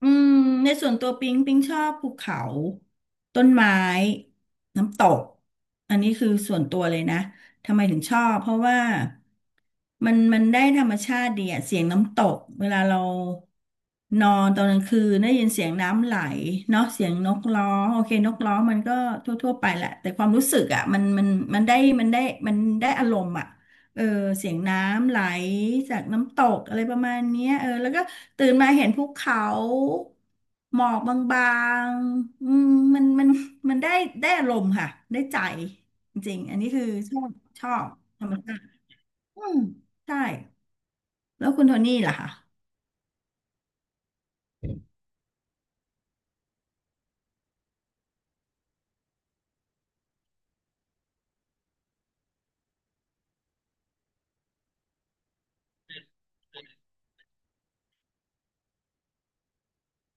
อืมในส่วนตัวปิงชอบภูเขาต้นไม้น้ำตกอันนี้คือส่วนตัวเลยนะทำไมถึงชอบเพราะว่ามันได้ธรรมชาติดีอะเสียงน้ำตกเวลาเรานอนตอนกลางคืนได้ยินเสียงน้ำไหลเนาะเสียงนกร้องโอเคนกร้องมันก็ทั่วๆไปแหละแต่ความรู้สึกอะมันได้มันได้มันได้อารมณ์อะ เออเสียงน้ำไหลจากน้ำตกอะไรประมาณเนี้ยแล้วก็ตื่นมาเห็นภูเขาหมอกบางๆอืมมันมันมันได้อารมณ์ค่ะได้ใจจริงๆอันนี้คือชอบชอบธรรมชาติอืมใช่แล้วคุณโทนี่ล่ะคะ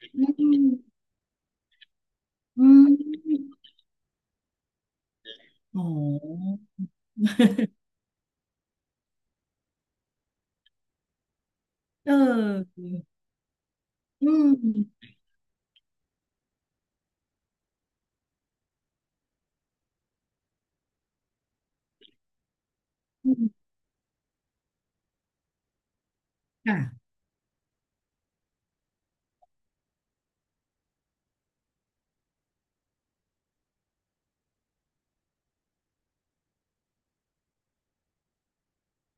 อืมอืมโอ้เอออืมอืมค่ะ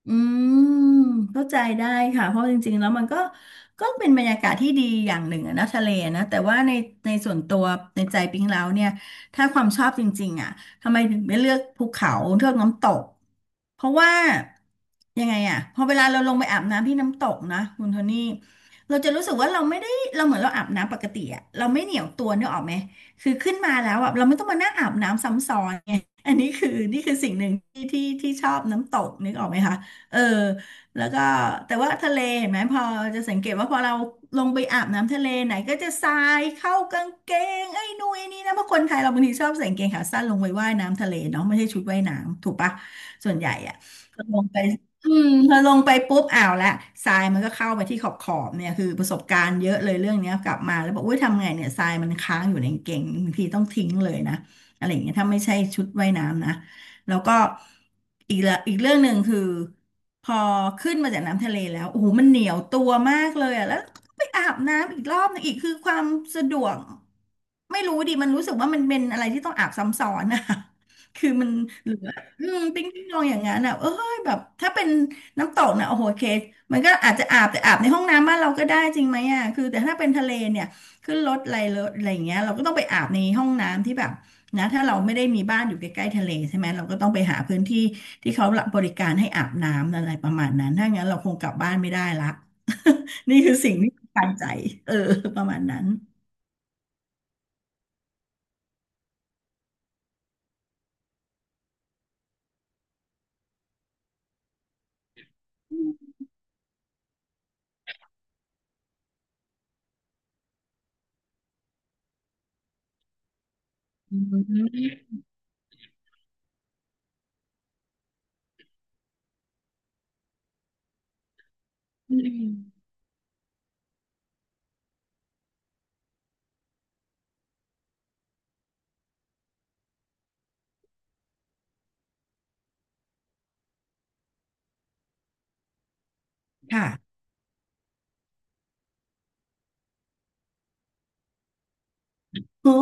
อืมเข้าใจได้ค่ะเพราะจริงๆแล้วมันก็ก็เป็นบรรยากาศที่ดีอย่างหนึ่งอะนะทะเลนะแต่ว่าในส่วนตัวในใจปิ๊งแล้วเนี่ยถ้าความชอบจริงๆอ่ะทำไมถึงไม่เลือกภูเขาเลือกน้ำตกเพราะว่ายังไงอ่ะพอเวลาเราลงไปอาบน้ำที่น้ำตกนะคุณโทนี่เราจะรู้สึกว่าเราไม่ได้เราเหมือนเราอาบน้ำปกติอ่ะเราไม่เหนียวตัวนึกออกไหมคือขึ้นมาแล้วอ่ะเราไม่ต้องมานั่งอาบน้ำซ้ำซ้อนไงอันนี้คือนี่คือสิ่งหนึ่งที่ชอบน้ำตกนึกออกไหมคะ เออแล้วก็แต่ว่าทะเลเห็นไหมพอจะสังเกตว่าพอเราลงไปอาบน้ำทะเลไหนก็จะทรายเข้ากางเกงไอ้นู่นไอ้นี่นะเพราะคนไทยเราบางทีชอบใส่กางเกงขาสั้นลงไปว่ายน้ำทะเลเนาะไม่ใช่ชุดว่ายน้ำถูกปะส่วนใหญ่อะพอลงไปอืมพอลงไปปุ๊บอ้าวละทรายมันก็เข้าไปที่ขอบเนี่ยคือประสบการณ์เยอะเลยเรื่องเนี้ยกลับมาแล้วบอกอุ้ยทำไงเนี่ยทรายมันค้างอยู่ในกางเกงบางทีต้องทิ้งเลยนะอะไรอย่างเงี้ยถ้าไม่ใช่ชุดว่ายน้ำนะแล้วก็อีกเรื่องหนึ่งคือ พอขึ้นมาจากน้ำทะเลแล้วโอ้โหมันเหนียวตัวมากเลยอะแล้วก็ไปอาบน้ำอีกรอบหนึงอีกคือความสะดวกไม่รู้ดิมันรู้สึกว่ามันเป็นอะไรที่ต้องอาบซ้ำซ้อนอ่ะ คือมันเหลืออืมปิ้งลองอย่างนั้นอ่ะเอ้ยแบบถ้าเป็นน้ำตกนะโอ้โหโอเคมันก็อาจจะอาบแต่อาบในห้องน้ำบ้านเราก็ได้จริงไหมอ่ะคือแต่ถ้าเป็นทะเลเนี่ยขึ้นรถอะไรอย่างเงี้ยเราก็ต้องไปอาบในห้องน้ำที่แบบ นะถ้าเราไม่ได้มีบ้านอยู่ใกล้ๆทะเลใช่ไหมเราก็ต้องไปหาพื้นที่ที่เขารับบริการให้อาบน้ำอะไรประมาณนั้นถ้างั้นเราคงกลับบ้านไม่ได้ละ นี่คือสิ่งที่ปันใจเออประมาณนั้นค่ะโอ้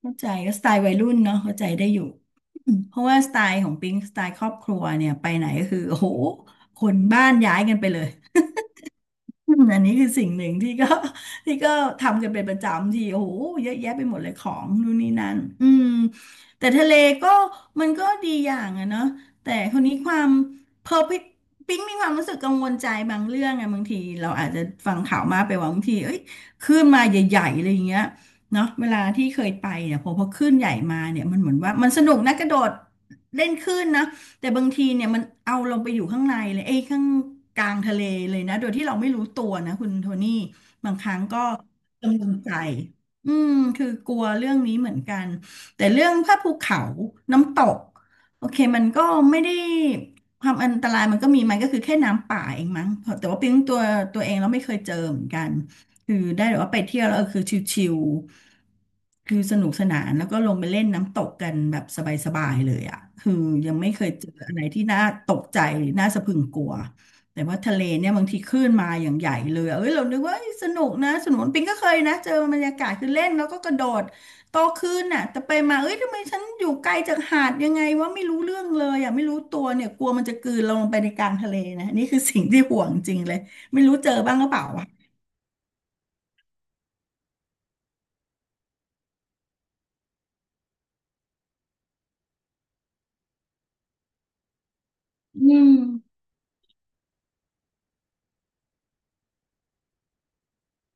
เข้าใจก็สไตล์วัยรุ่นเนาะเข้าใจได้อยู่อืมเพราะว่าสไตล์ของปิงสไตล์ครอบครัวเนี่ยไปไหนก็คือโอ้โหคนบ้านย้ายกันไปเลย อืมอันนี้คือสิ่งหนึ่งที่ก็ ที่ก็ทำกันเป็นประจำที่โอ้โหเยอะแยะไปหมดเลยของนู่นนี่นั่นอืมแต่ทะเลก็มันก็ดีอย่างอะเนาะแต่คนนี้ความเพอปิ๊งมีความรู้สึกกังวลใจบางเรื่องอะบางทีเราอาจจะฟังข่าวมากไปว่าบางทีเอ้ยคลื่นมาใหญ่ๆอะไรอย่างเงี้ยเนาะเวลาที่เคยไปเนี่ยพอคลื่นใหญ่มาเนี่ยมันเหมือนว่ามันสนุกนะกระโดดเล่นคลื่นนะ แต่บางทีเนี่ยมันเอาลงไปอยู่ข้างในเลยเอ้ยข้างกลางทะเลเลยนะโดยที่เราไม่รู้ตัวนะคุณโทนี่บางครั้งก็กังวลใจอืมคือกลัวเรื่องนี้เหมือนกันแต่เรื่องภาพภูเขาน้ำตกโอเคมันก็ไม่ได้ความอันตรายมันก็มีมันก็คือแค่น้ำป่าเองมั้งแต่ว่าเพียงตัวเองเราไม่เคยเจอเหมือนกัน คือได้แบบว่าไปเที่ยวแล้วเออคือชิลๆคือสนุกสนานแล้วก็ลงไปเล่นน้ำตกกันแบบสบายๆเลยอ่ะคือยังไม่เคยเจออะไรที่น่าตกใจหรือน่าสะพรึงกลัวแต่ว่าทะเลเนี่ยบางทีคลื่นมาอย่างใหญ่เลยอะเอ้ยเรานึกว่าเอ้ยสนุกนะสนุกปิงก็เคยนะเจอบรรยากาศคือเล่นแล้วก็กระโดดโตขึ้นน่ะแต่ไปมาเอ้ยทำไมฉันอยู่ไกลจากหาดยังไงว่าไม่รู้เรื่องเลยอ่ะไม่รู้ตัวเนี่ยกลัวมันจะกลืนเราลงไปในกลางทะเลนะนี่คือสิ่งที่ห่วงจริงเลยไม่รู้เจอบ้างหรือเปล่าอะอืม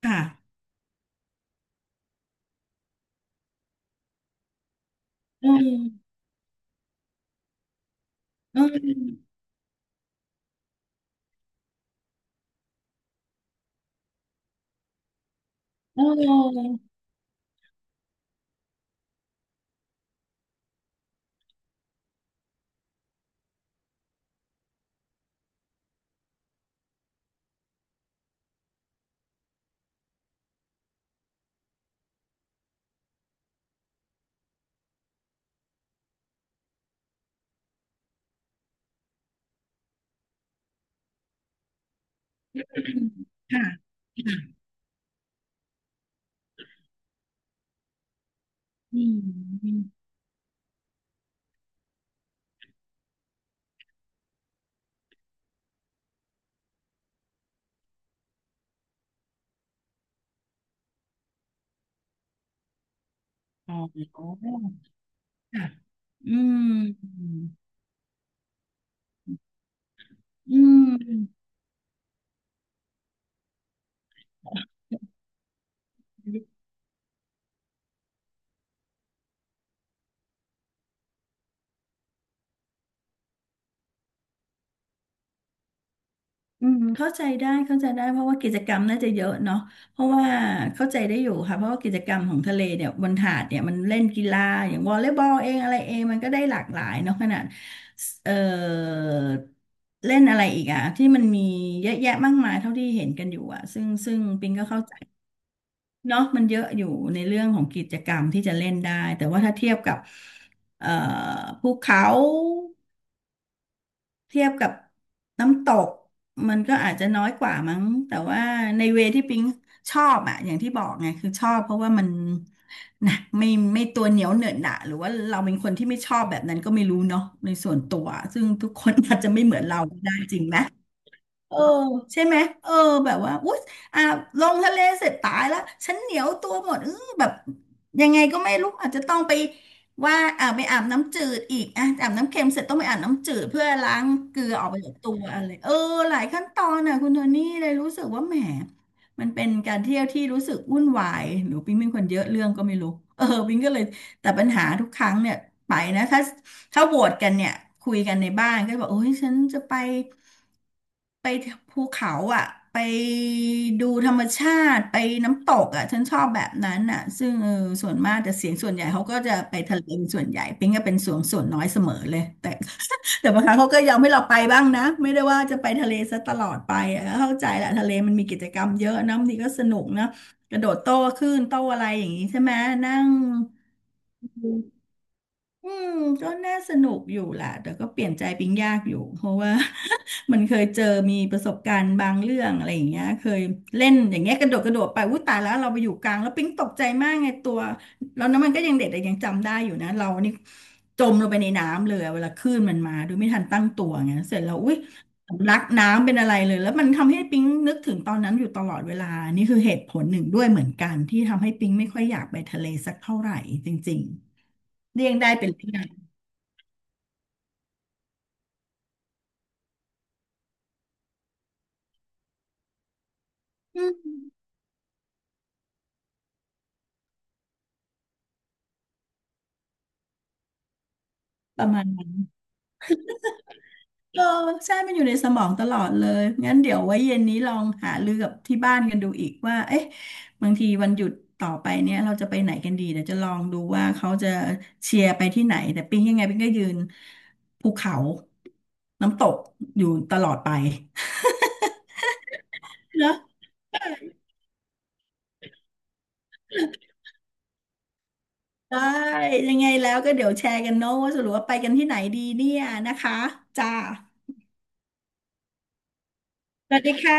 ค่ะเออเออเออค่ะอืมอมอ๋อค่ะอืมอืมอืมเข้าใจได้เข้าใจได้ เพราะว่ากิจกรรมน่าจะเยอะเนาะเพราะว่าเข้าใจได้อยู่ค่ะ เพราะว่ากิจกรรมของทะเลเนี่ยบนหาดเนี่ยมันเล่นกีฬาอย่างวอลเลย์บอลเองอะไรเองมันก็ได้หลากหลายเนาะขนาดเออเล่นอะไรอีกอะที่มันมีเยอะแยะมากมายเท่าที่เห็นกันอยู่อะซึ่งปิงก็เข้าใจ เนาะมันเยอะอยู่ในเรื่องของกิจกรรมที่จะเล่นได้แต่ว่าถ้าเทียบกับเอ่อภูเขาเทียบกับน้ำตกมันก็อาจจะน้อยกว่ามั้งแต่ว่าในเวที่ปิงชอบอะอย่างที่บอกไงคือชอบเพราะว่ามันนะไม่ตัวเหนียวเหนอะหนะหรือว่าเราเป็นคนที่ไม่ชอบแบบนั้นก็ไม่รู้เนาะในส่วนตัวซึ่งทุกคนอาจจะไม่เหมือนเราก็ได้จริงไหม เออใช่ไหมเออแบบว่าอุ๊ยอ่ะลงทะเลเสร็จตายแล้วฉันเหนียวตัวหมดเออแบบยังไงก็ไม่รู้อาจจะต้องไปว่าอ่าไปอาบน้ำจืดอีกอ่ะอาบน้ำเค็มเสร็จต้องไปอาบน้ำจืดเพื่อล้างเกลือออกไปจากตัวอะไรเออหลายขั้นตอนน่ะคุณโทนี่เลยรู้สึกว่าแหมมันเป็นการเที่ยวที่รู้สึกวุ่นวายหรือปิ๊งเป็นคนเยอะเรื่องก็ไม่รู้ เออปิ๊งก็เลยแต่ปัญหาทุกครั้งเนี่ยไปนะถ้าโหวตกันเนี่ยคุยกันในบ้านก็บอกโอ้ยฉันจะไป ไปภูเขาอ่ะไปดูธรรมชาติไปน้ำตกอ่ะฉันชอบแบบนั้นอ่ะซึ่งเออส่วนมากแต่เสียงส่วนใหญ่เขาก็จะไปทะเลเป็นส่วนใหญ่ปิงก็เป็นส่วนน้อยเสมอเลยแต่บางครั้งเขาก็ยอมให้เราไปบ้างนะไม่ได้ว่าจะไปทะเลซะตลอดไปอะเข้าใจแหละทะเลมันมีกิจกรรมเยอะนะบางทีก็สนุกนะกระโดดโต้คลื่นโต้อะไรอย่างนี้ใช่ไหมนั่งอืมก็น่าสนุกอยู่แหละแต่ก็เปลี่ยนใจปิงยากอยู่เพราะว่า มันเคยเจอมีประสบการณ์บางเรื่องอะไรอย่างเงี้ยเคยเล่นอย่างเงี้ยกระโดดไปอุ้ยตายแล้วเราไปอยู่กลางแล้วปิ๊งตกใจมากไงตัวแล้วน้ำมันก็ยังเด็กแต่ยังจำได้อยู่นะเรานี่จมลงไปในน้ำเลยอะเวลาคลื่นมันมาโดยไม่ทันตั้งตัวไงเสร็จแล้วอุ้ยสำลักน้ำเป็นอะไรเลยแล้วมันทำให้ปิ๊งนึกถึงตอนนั้นอยู่ตลอดเวลานี่คือเหตุผลหนึ่งด้วยเหมือนกันที่ทำให้ปิ๊งไม่ค่อยอยากไปทะเลสักเท่าไหร่จริงๆเลี่ยงได้เป็นเลี่ยงอืมประมาณนั้น เออใช่มันอยู่ในสมองตลอดเลยงั้นเดี๋ยวไว้เย็นนี้ลองหารือกับที่บ้านกันดูอีกว่าเอ๊ะบางทีวันหยุดต่อไปเนี่ยเราจะไปไหนกันดีเดี๋ยวจะลองดูว่าเขาจะเชียร์ไปที่ไหนแต่ปิ๊งยังไงปิ๊งก็ยืนภูเขาน้ำตกอยู่ตลอดไป เนอะได้ยังไงแล้วก็เดี๋ยวแชร์กันเนอะว่าสรุปว่าไปกันที่ไหนดีเนี่ยนะคะจ้าสวัสดีค่ะ